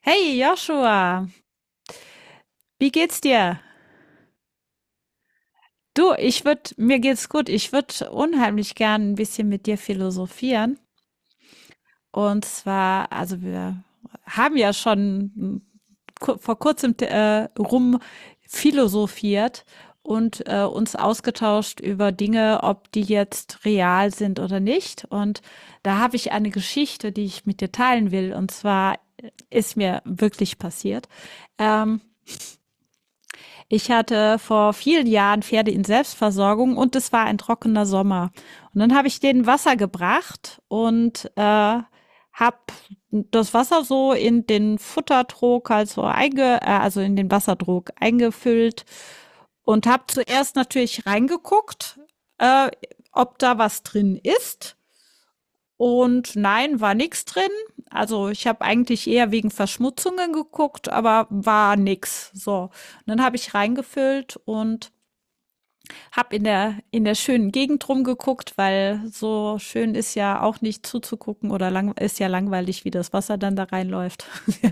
Hey Joshua, wie geht's dir? Du, mir geht's gut. Ich würde unheimlich gern ein bisschen mit dir philosophieren. Und zwar, also wir haben ja schon vor kurzem rum philosophiert und uns ausgetauscht über Dinge, ob die jetzt real sind oder nicht. Und da habe ich eine Geschichte, die ich mit dir teilen will. Und zwar ist mir wirklich passiert. Ähm, Ich hatte vor vielen Jahren Pferde in Selbstversorgung und es war ein trockener Sommer. Und dann habe ich denen Wasser gebracht und habe das Wasser so in den Futtertrog, also, also in den Wassertrog eingefüllt und habe zuerst natürlich reingeguckt, äh, ob da was drin ist, und nein, war nichts drin. Also, ich habe eigentlich eher wegen Verschmutzungen geguckt, aber war nix. So, und dann habe ich reingefüllt und habe in der schönen Gegend rumgeguckt, weil so schön ist ja auch nicht zuzugucken oder lang ist ja langweilig, wie das Wasser dann da reinläuft.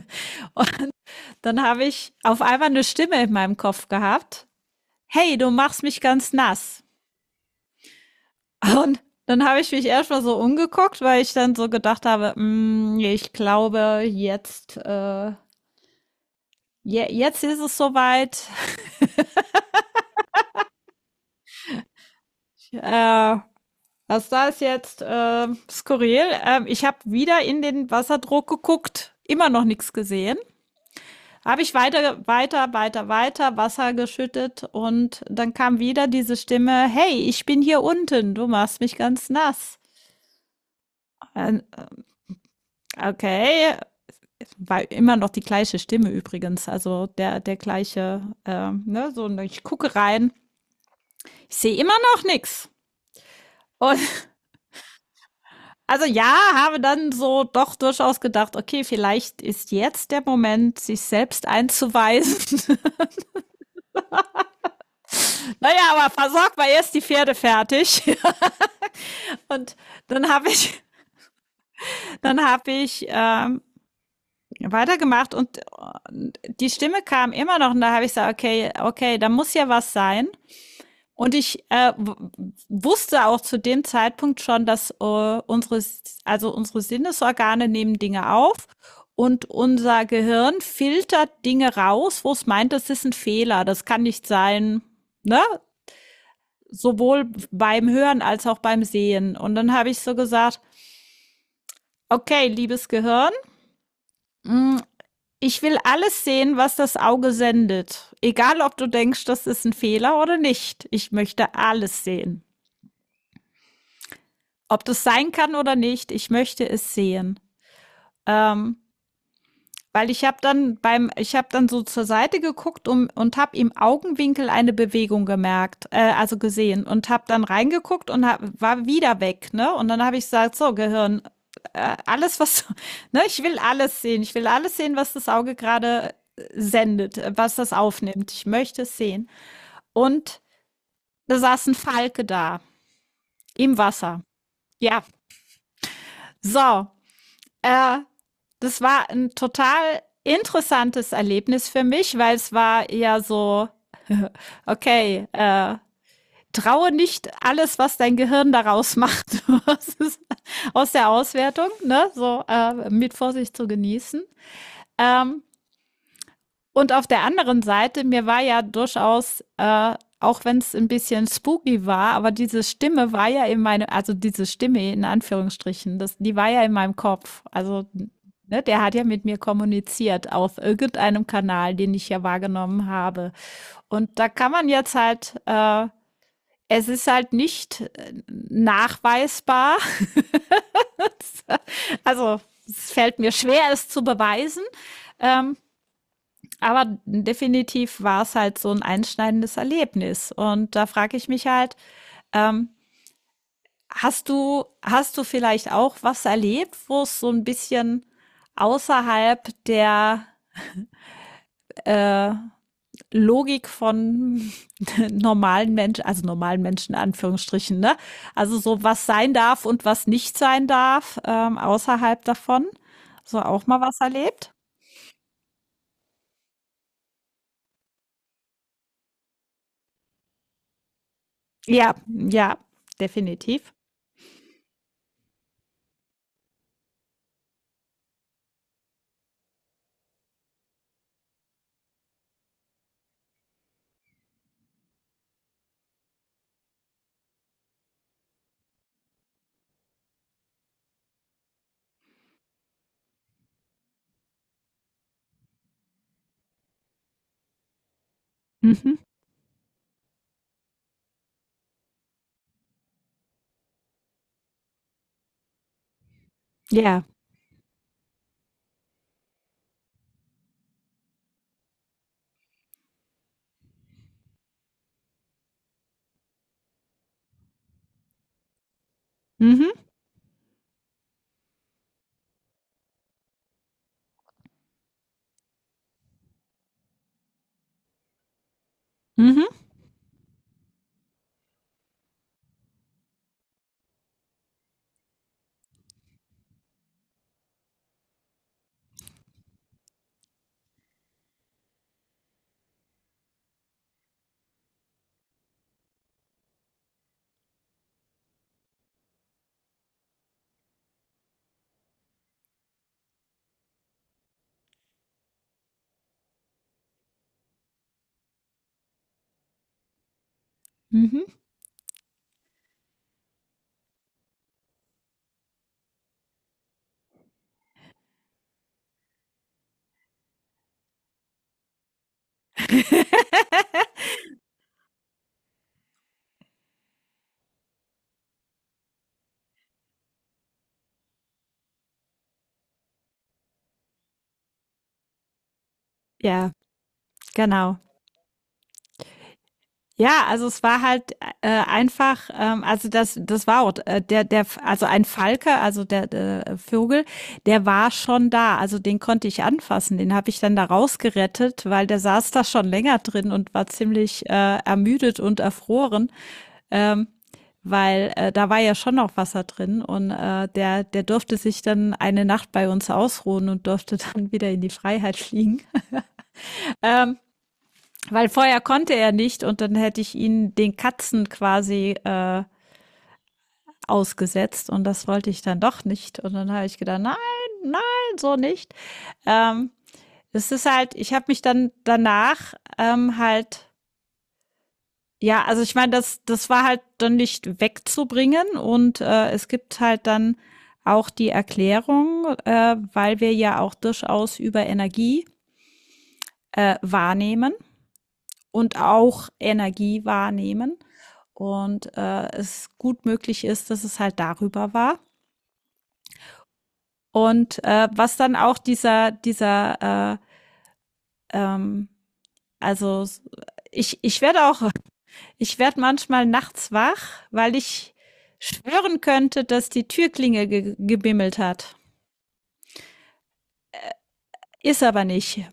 Dann habe ich auf einmal eine Stimme in meinem Kopf gehabt: „Hey, du machst mich ganz nass.“ Und dann habe ich mich erstmal so umgeguckt, weil ich dann so gedacht habe: „Mm, ich glaube, jetzt, jetzt ist es soweit. Äh, also da ist jetzt skurril.“ Ich habe wieder in den Wasserdruck geguckt, immer noch nichts gesehen. Habe ich weiter, weiter, weiter, weiter Wasser geschüttet und dann kam wieder diese Stimme: „Hey, ich bin hier unten, du machst mich ganz nass.“ Äh, Okay, war immer noch die gleiche Stimme übrigens, also der, der gleiche, ne, so, ne, ich gucke rein, ich sehe immer noch nichts. Und also ja, habe dann so doch durchaus gedacht, okay, vielleicht ist jetzt der Moment, sich selbst einzuweisen. Naja, aber versorgt mal erst die Pferde fertig. Und dann habe ich, dann habe ich weitergemacht und die Stimme kam immer noch und da habe ich gesagt, okay, okay, da muss ja was sein. Und ich wusste auch zu dem Zeitpunkt schon, dass unsere, also unsere Sinnesorgane nehmen Dinge auf und unser Gehirn filtert Dinge raus, wo es meint, das ist ein Fehler, das kann nicht sein, ne? Sowohl beim Hören als auch beim Sehen. Und dann habe ich so gesagt, okay, liebes Gehirn, mm, ich will alles sehen, was das Auge sendet. Egal, ob du denkst, das ist ein Fehler oder nicht. Ich möchte alles sehen. Ob das sein kann oder nicht, ich möchte es sehen. Ähm, Weil ich habe dann so zur Seite geguckt um, und habe im Augenwinkel eine Bewegung gemerkt, also gesehen und habe dann reingeguckt und hab, war wieder weg, ne? Und dann habe ich gesagt, so Gehirn, alles was, ne? Ich will alles sehen, ich will alles sehen, was das Auge gerade sendet, was das aufnimmt. Ich möchte es sehen. Und da saß ein Falke da im Wasser. Ja, so. Äh, Das war ein total interessantes Erlebnis für mich, weil es war eher so: „Okay, traue nicht alles, was dein Gehirn daraus macht, aus der Auswertung, ne, so, mit Vorsicht zu genießen.“ Ähm und auf der anderen Seite, mir war ja durchaus, auch wenn es ein bisschen spooky war, aber diese Stimme war ja in meine, also diese Stimme in Anführungsstrichen, das, die war ja in meinem Kopf. Also, ne, der hat ja mit mir kommuniziert auf irgendeinem Kanal, den ich ja wahrgenommen habe. Und da kann man jetzt halt, es ist halt nicht nachweisbar. Also, es fällt mir schwer, es zu beweisen. Ähm, Aber definitiv war es halt so ein einschneidendes Erlebnis. Und da frage ich mich halt, ähm, hast du vielleicht auch was erlebt, wo es so ein bisschen außerhalb der Logik von normalen Menschen, also normalen Menschen in Anführungsstrichen, ne? Also so was sein darf und was nicht sein darf, außerhalb davon. So auch mal was erlebt? Ja, ja, definitiv. Mhm. Ja. Mhm. Mhm. Mhm. Ja, genau. Ja, also es war halt einfach, also das, das war auch der, der, also ein Falke, also der, der Vogel, der war schon da, also den konnte ich anfassen, den habe ich dann da rausgerettet, weil der saß da schon länger drin und war ziemlich ermüdet und erfroren, weil da war ja schon noch Wasser drin und der, der durfte sich dann eine Nacht bei uns ausruhen und durfte dann wieder in die Freiheit fliegen. Weil vorher konnte er nicht und dann hätte ich ihn den Katzen quasi ausgesetzt und das wollte ich dann doch nicht. Und dann habe ich gedacht, nein, nein, so nicht. Ähm, Es ist halt, ich habe mich dann danach halt, ja, also ich meine, das, das war halt dann nicht wegzubringen und es gibt halt dann auch die Erklärung, weil wir ja auch durchaus über Energie wahrnehmen und auch Energie wahrnehmen. Und es gut möglich ist, dass es halt darüber war. Und was dann auch dieser, dieser, ähm, also ich werde auch, ich werde manchmal nachts wach, weil ich schwören könnte, dass die Türklinge ge gebimmelt hat. Ist aber nicht.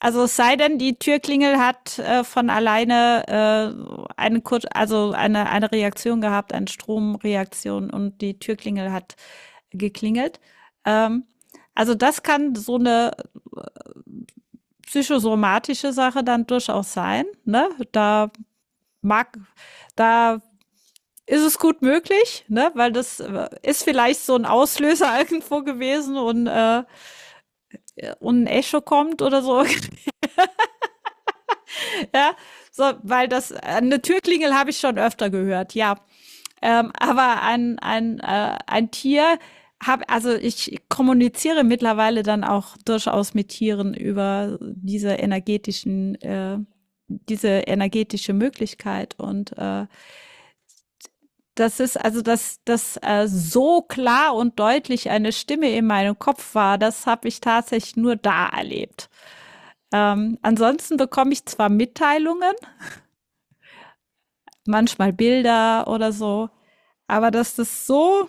Also es sei denn, die Türklingel hat von alleine eine, Kur also eine Reaktion gehabt, eine Stromreaktion und die Türklingel hat geklingelt. Ähm, also das kann so eine psychosomatische Sache dann durchaus sein. Ne? Mag, da ist es gut möglich, ne? Weil das ist vielleicht so ein Auslöser irgendwo gewesen und ein Echo kommt oder so. Ja, so, weil das, eine Türklingel habe ich schon öfter gehört, ja. Aber ein Tier, hab, also ich kommuniziere mittlerweile dann auch durchaus mit Tieren über diese energetischen, diese energetische Möglichkeit. Und das ist, also dass das so klar und deutlich eine Stimme in meinem Kopf war, das habe ich tatsächlich nur da erlebt. Ansonsten bekomme ich zwar Mitteilungen, manchmal Bilder oder so. Aber dass das so,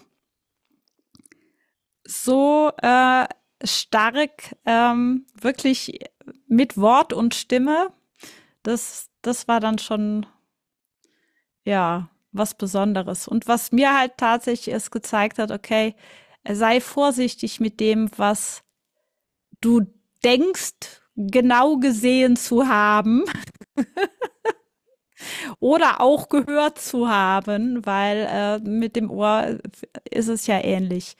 so stark wirklich mit Wort und Stimme, das, das war dann schon, ja, was Besonderes. Und was mir halt tatsächlich es gezeigt hat, okay, sei vorsichtig mit dem, was du denkst, genau gesehen zu haben oder auch gehört zu haben, weil mit dem Ohr ist es ja ähnlich.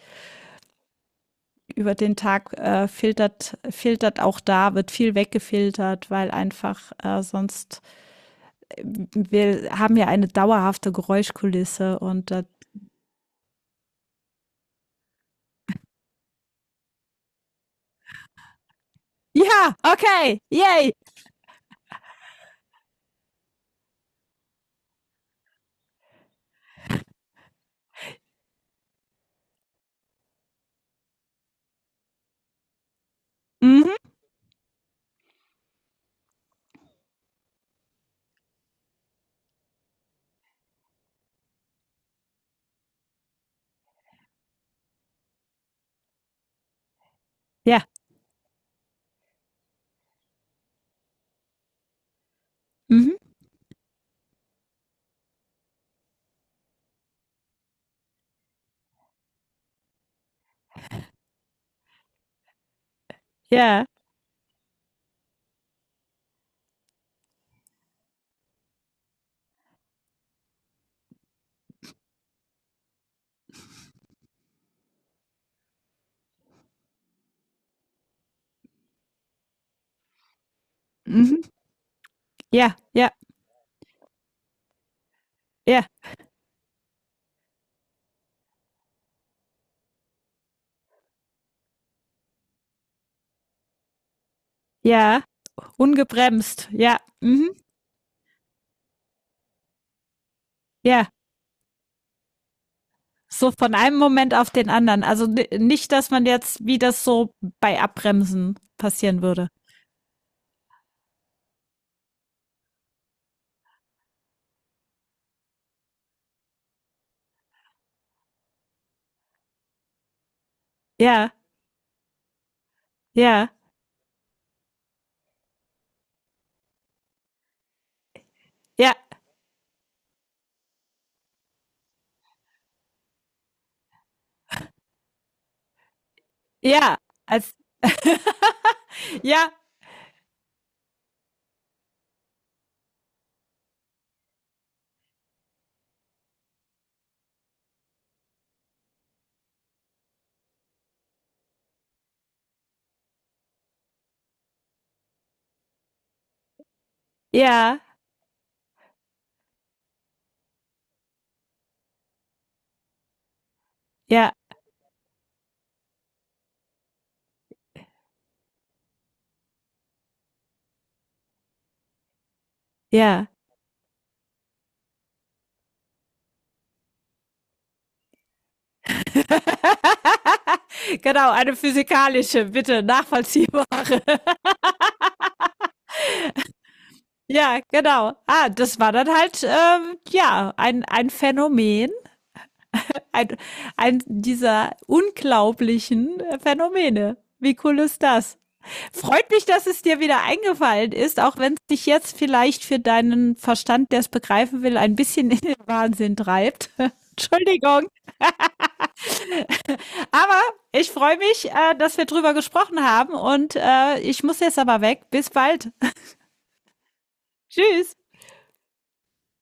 Über den Tag filtert auch da, wird viel weggefiltert, weil einfach äh, wir haben ja eine dauerhafte Geräuschkulisse und ja, okay, yay, mhm, ja, mhm, ja, mhm, ja, ja, ja, ja, ungebremst, ja, mhm, ja. So von einem Moment auf den anderen. Also nicht, dass man jetzt, wie das so bei Abbremsen passieren würde. Ja, ja, ja, ja, als, ja, ja, Ja, ja. Genau, eine physikalische, bitte nachvollziehbare. Ja, genau. Ah, das war dann halt ja ein Phänomen, ein, ein dieser unglaublichen Phänomene. Wie cool ist das? Freut mich, dass es dir wieder eingefallen ist, auch wenn es dich jetzt vielleicht für deinen Verstand, der es begreifen will, ein bisschen in den Wahnsinn treibt. Entschuldigung. Aber ich freue mich, dass wir drüber gesprochen haben und ich muss jetzt aber weg. Bis bald. Tschüss.